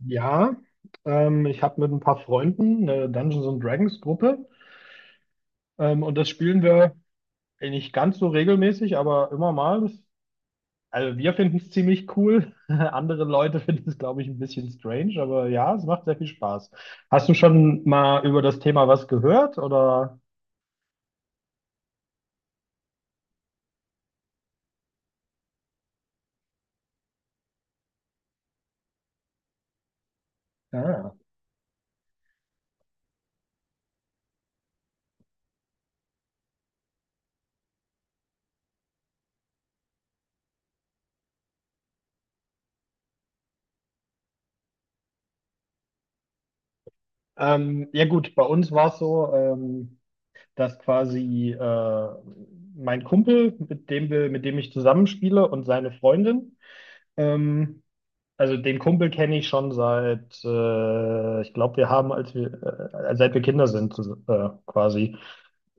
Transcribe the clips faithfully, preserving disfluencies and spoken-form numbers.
Ja, ähm, ich habe mit ein paar Freunden eine Dungeons and Dragons Gruppe, ähm, und das spielen wir eh nicht ganz so regelmäßig, aber immer mal. Das, also wir finden es ziemlich cool. Andere Leute finden es, glaube ich, ein bisschen strange, aber ja, es macht sehr viel Spaß. Hast du schon mal über das Thema was gehört oder? Ja, ähm, ja gut, bei uns war es so, ähm, dass quasi äh, mein Kumpel, mit dem wir, mit dem ich zusammenspiele und seine Freundin ähm, Also den Kumpel kenne ich schon seit, äh, ich glaube, wir haben, als wir, äh, seit wir Kinder sind, äh, quasi,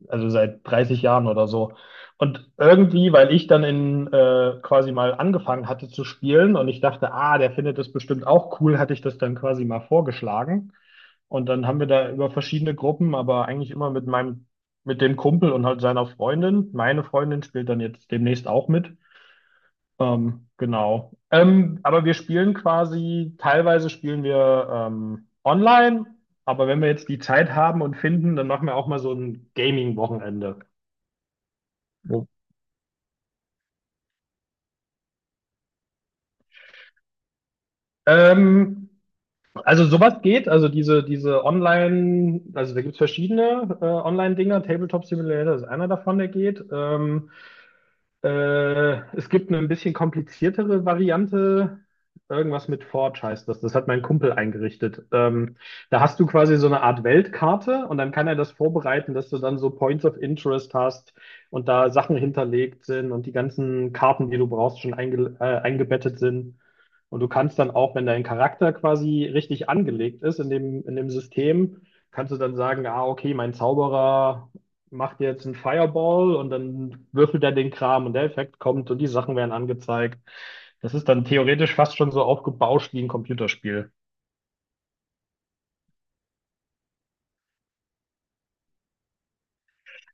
also seit dreißig Jahren oder so. Und irgendwie, weil ich dann in äh, quasi mal angefangen hatte zu spielen und ich dachte, ah, der findet das bestimmt auch cool, hatte ich das dann quasi mal vorgeschlagen. Und dann haben wir da über verschiedene Gruppen, aber eigentlich immer mit meinem, mit dem Kumpel und halt seiner Freundin. Meine Freundin spielt dann jetzt demnächst auch mit. Ähm, genau. Ähm, aber wir spielen quasi, teilweise spielen wir ähm, online, aber wenn wir jetzt die Zeit haben und finden, dann machen wir auch mal so ein Gaming-Wochenende. Ja. Ähm, also sowas geht, also diese, diese Online, also da gibt es verschiedene äh, Online-Dinger, Tabletop Simulator ist einer davon, der geht. Ähm, Äh, es gibt eine ein bisschen kompliziertere Variante. Irgendwas mit Forge heißt das. Das hat mein Kumpel eingerichtet. Ähm, da hast du quasi so eine Art Weltkarte und dann kann er das vorbereiten, dass du dann so Points of Interest hast und da Sachen hinterlegt sind und die ganzen Karten, die du brauchst, schon einge äh, eingebettet sind. Und du kannst dann auch, wenn dein Charakter quasi richtig angelegt ist in dem, in dem System, kannst du dann sagen, ah, okay, mein Zauberer macht jetzt einen Fireball und dann würfelt er den Kram und der Effekt kommt und die Sachen werden angezeigt. Das ist dann theoretisch fast schon so aufgebauscht wie ein Computerspiel.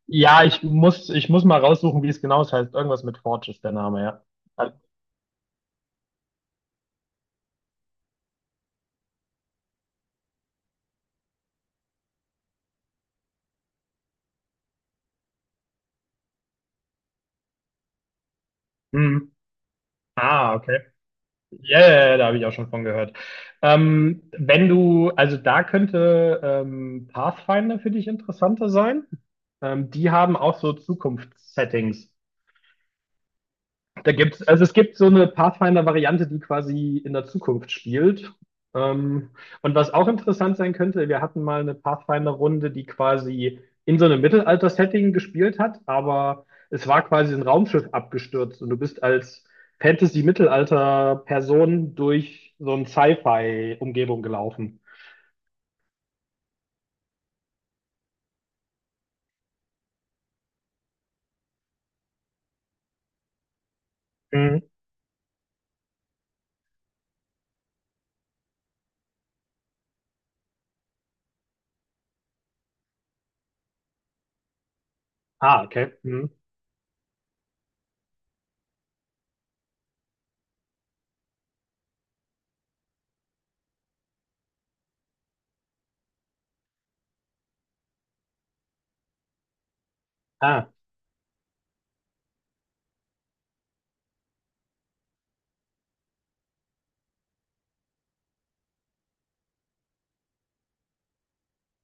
Ja, ich muss, ich muss mal raussuchen, wie es genau heißt. Irgendwas mit Forge ist der Name, ja. Ah, hm. Ah, okay. Ja, ja, ja, da habe ich auch schon von gehört. Ähm, wenn du, also da könnte ähm, Pathfinder für dich interessanter sein. Ähm, die haben auch so Zukunftssettings. Da gibt's, also es gibt so eine Pathfinder-Variante, die quasi in der Zukunft spielt. Ähm, und was auch interessant sein könnte, wir hatten mal eine Pathfinder-Runde, die quasi in so einem Mittelalter-Setting gespielt hat, aber es war quasi ein Raumschiff abgestürzt und du bist als Fantasy-Mittelalter-Person durch so eine Sci-Fi-Umgebung gelaufen. Mhm. Ah, okay. Mhm. Ah,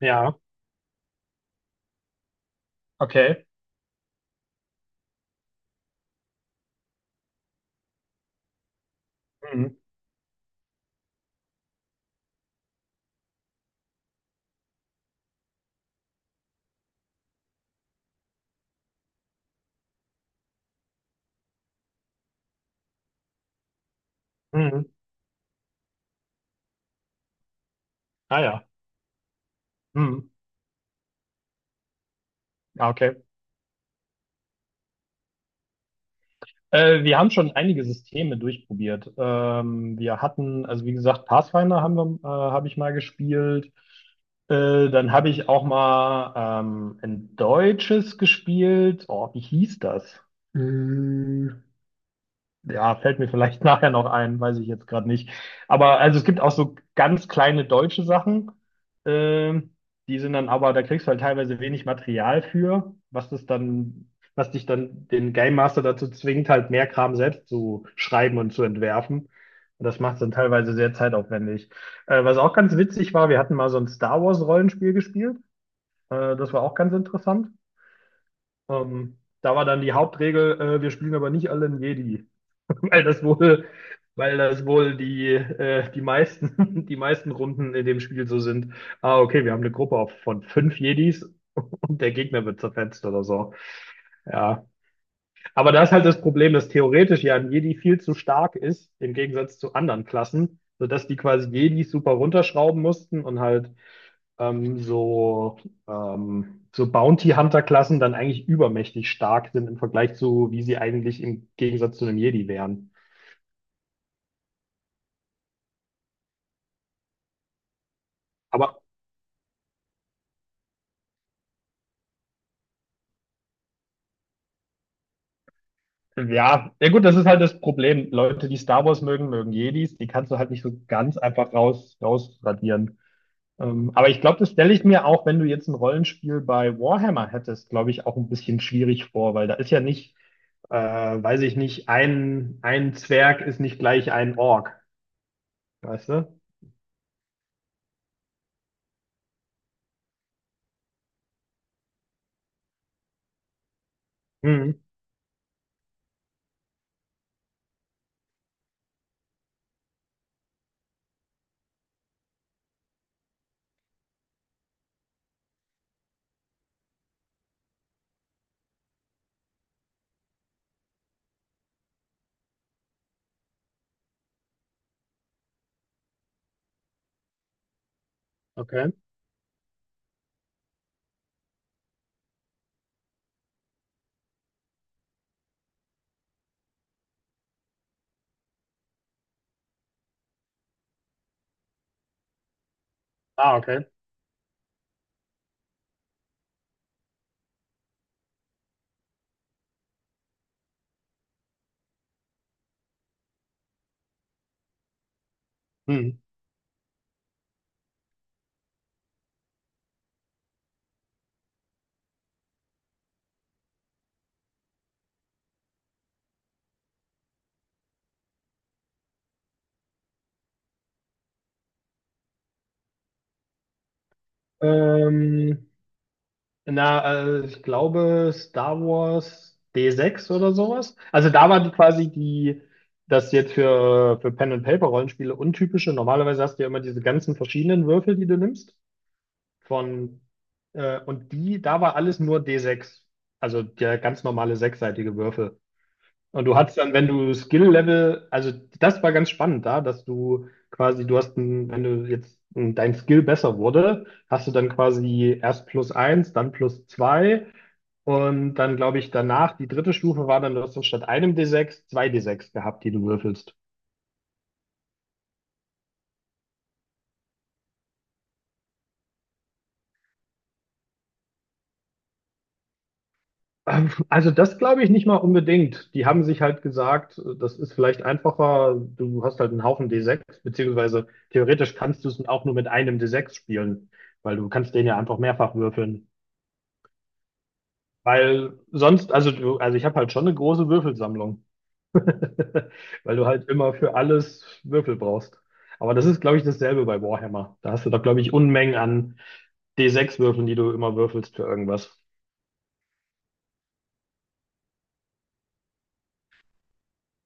ja, okay. Mhm. Mhm. Ah, ja. Mhm. Ah, okay. Äh, wir haben schon einige Systeme durchprobiert. Ähm, wir hatten, also wie gesagt, Pathfinder haben wir, äh, habe ich mal gespielt. Äh, dann habe ich auch mal ähm, ein deutsches gespielt. Oh, wie hieß das? Ja, fällt mir vielleicht nachher noch ein, weiß ich jetzt gerade nicht. Aber also es gibt auch so ganz kleine deutsche Sachen, ähm, die sind dann aber, da kriegst du halt teilweise wenig Material für, was das dann, was dich dann den Game Master dazu zwingt, halt mehr Kram selbst zu schreiben und zu entwerfen. Und das macht es dann teilweise sehr zeitaufwendig. Äh, was auch ganz witzig war, wir hatten mal so ein Star Wars Rollenspiel gespielt. Äh, das war auch ganz interessant. Ähm, da war dann die Hauptregel, äh, wir spielen aber nicht alle einen Jedi. weil das wohl, weil das wohl die, äh, die meisten, die meisten Runden in dem Spiel so sind. Ah, okay, wir haben eine Gruppe auf- von fünf Jedis und der Gegner wird zerfetzt oder so. Ja. Aber da ist halt das Problem, dass theoretisch ja ein Jedi viel zu stark ist, im Gegensatz zu anderen Klassen, sodass die quasi Jedis super runterschrauben mussten und halt ähm, so, ähm, so Bounty Hunter-Klassen dann eigentlich übermächtig stark sind im Vergleich zu, wie sie eigentlich im Gegensatz zu einem Jedi wären. Aber Ja, ja gut, das ist halt das Problem. Leute, die Star Wars mögen, mögen Jedis. Die kannst du halt nicht so ganz einfach raus, rausradieren. Ähm, aber ich glaube, das stelle ich mir auch, wenn du jetzt ein Rollenspiel bei Warhammer hättest, glaube ich, auch ein bisschen schwierig vor, weil da ist ja nicht, äh, weiß ich nicht, ein, ein Zwerg ist nicht gleich ein Ork. Weißt du? Hm, okay. Ah, okay. Hm. Ähm, Na, äh, ich glaube Star Wars D sechs oder sowas. Also da war die quasi die, das jetzt für, für, Pen and Paper Rollenspiele untypische. Normalerweise hast du ja immer diese ganzen verschiedenen Würfel, die du nimmst. Von, äh, und die, da war alles nur D sechs. Also der ganz normale sechsseitige Würfel. Und du hattest dann, wenn du Skill-Level, also das war ganz spannend da, dass du quasi, du hast ein, wenn du jetzt ein, dein Skill besser wurde, hast du dann quasi erst plus eins, dann plus zwei. Und dann glaube ich danach, die dritte Stufe war dann, du hast dann statt einem D sechs zwei D sechs gehabt, die du würfelst. Ähm, Also das glaube ich nicht mal unbedingt. Die haben sich halt gesagt, das ist vielleicht einfacher, du hast halt einen Haufen D sechs, beziehungsweise theoretisch kannst du es auch nur mit einem D sechs spielen, weil du kannst den ja einfach mehrfach würfeln. Weil sonst, also du, also ich habe halt schon eine große Würfelsammlung, weil du halt immer für alles Würfel brauchst. Aber das ist, glaube ich, dasselbe bei Warhammer. Da hast du doch, glaube ich, Unmengen an D sechs würfeln, die du immer würfelst für irgendwas.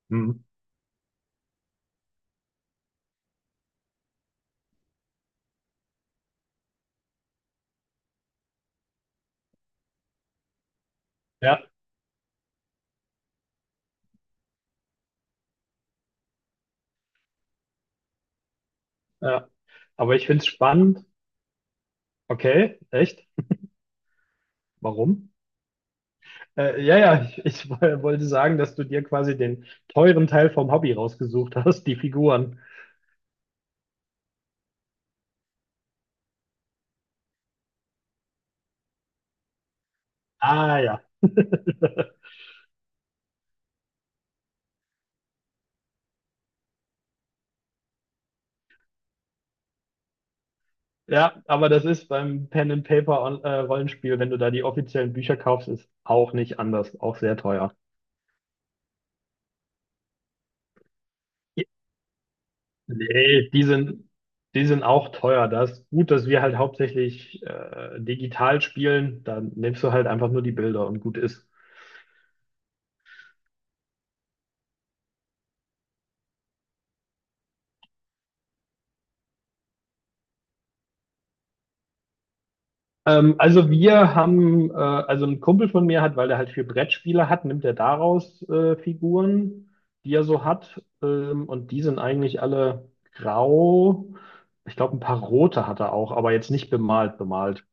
Mhm. Ja, ja. Aber ich finde es spannend. Okay, echt? Warum? Äh, ja, ja, ich, ich woll- wollte sagen, dass du dir quasi den teuren Teil vom Hobby rausgesucht hast, die Figuren. Ah, ja. Ja, aber das ist beim Pen and Paper on, äh, Rollenspiel, wenn du da die offiziellen Bücher kaufst, ist auch nicht anders, auch sehr teuer. Nee, die sind, die sind auch teuer. Das ist gut, dass wir halt hauptsächlich äh, digital spielen. Dann nimmst du halt einfach nur die Bilder und gut ist. Ähm, also wir haben, äh, also ein Kumpel von mir hat, weil er halt viel Brettspiele hat, nimmt er daraus äh, Figuren, die er so hat. Ähm, und die sind eigentlich alle grau. Ich glaube, ein paar rote hat er auch, aber jetzt nicht bemalt, bemalt.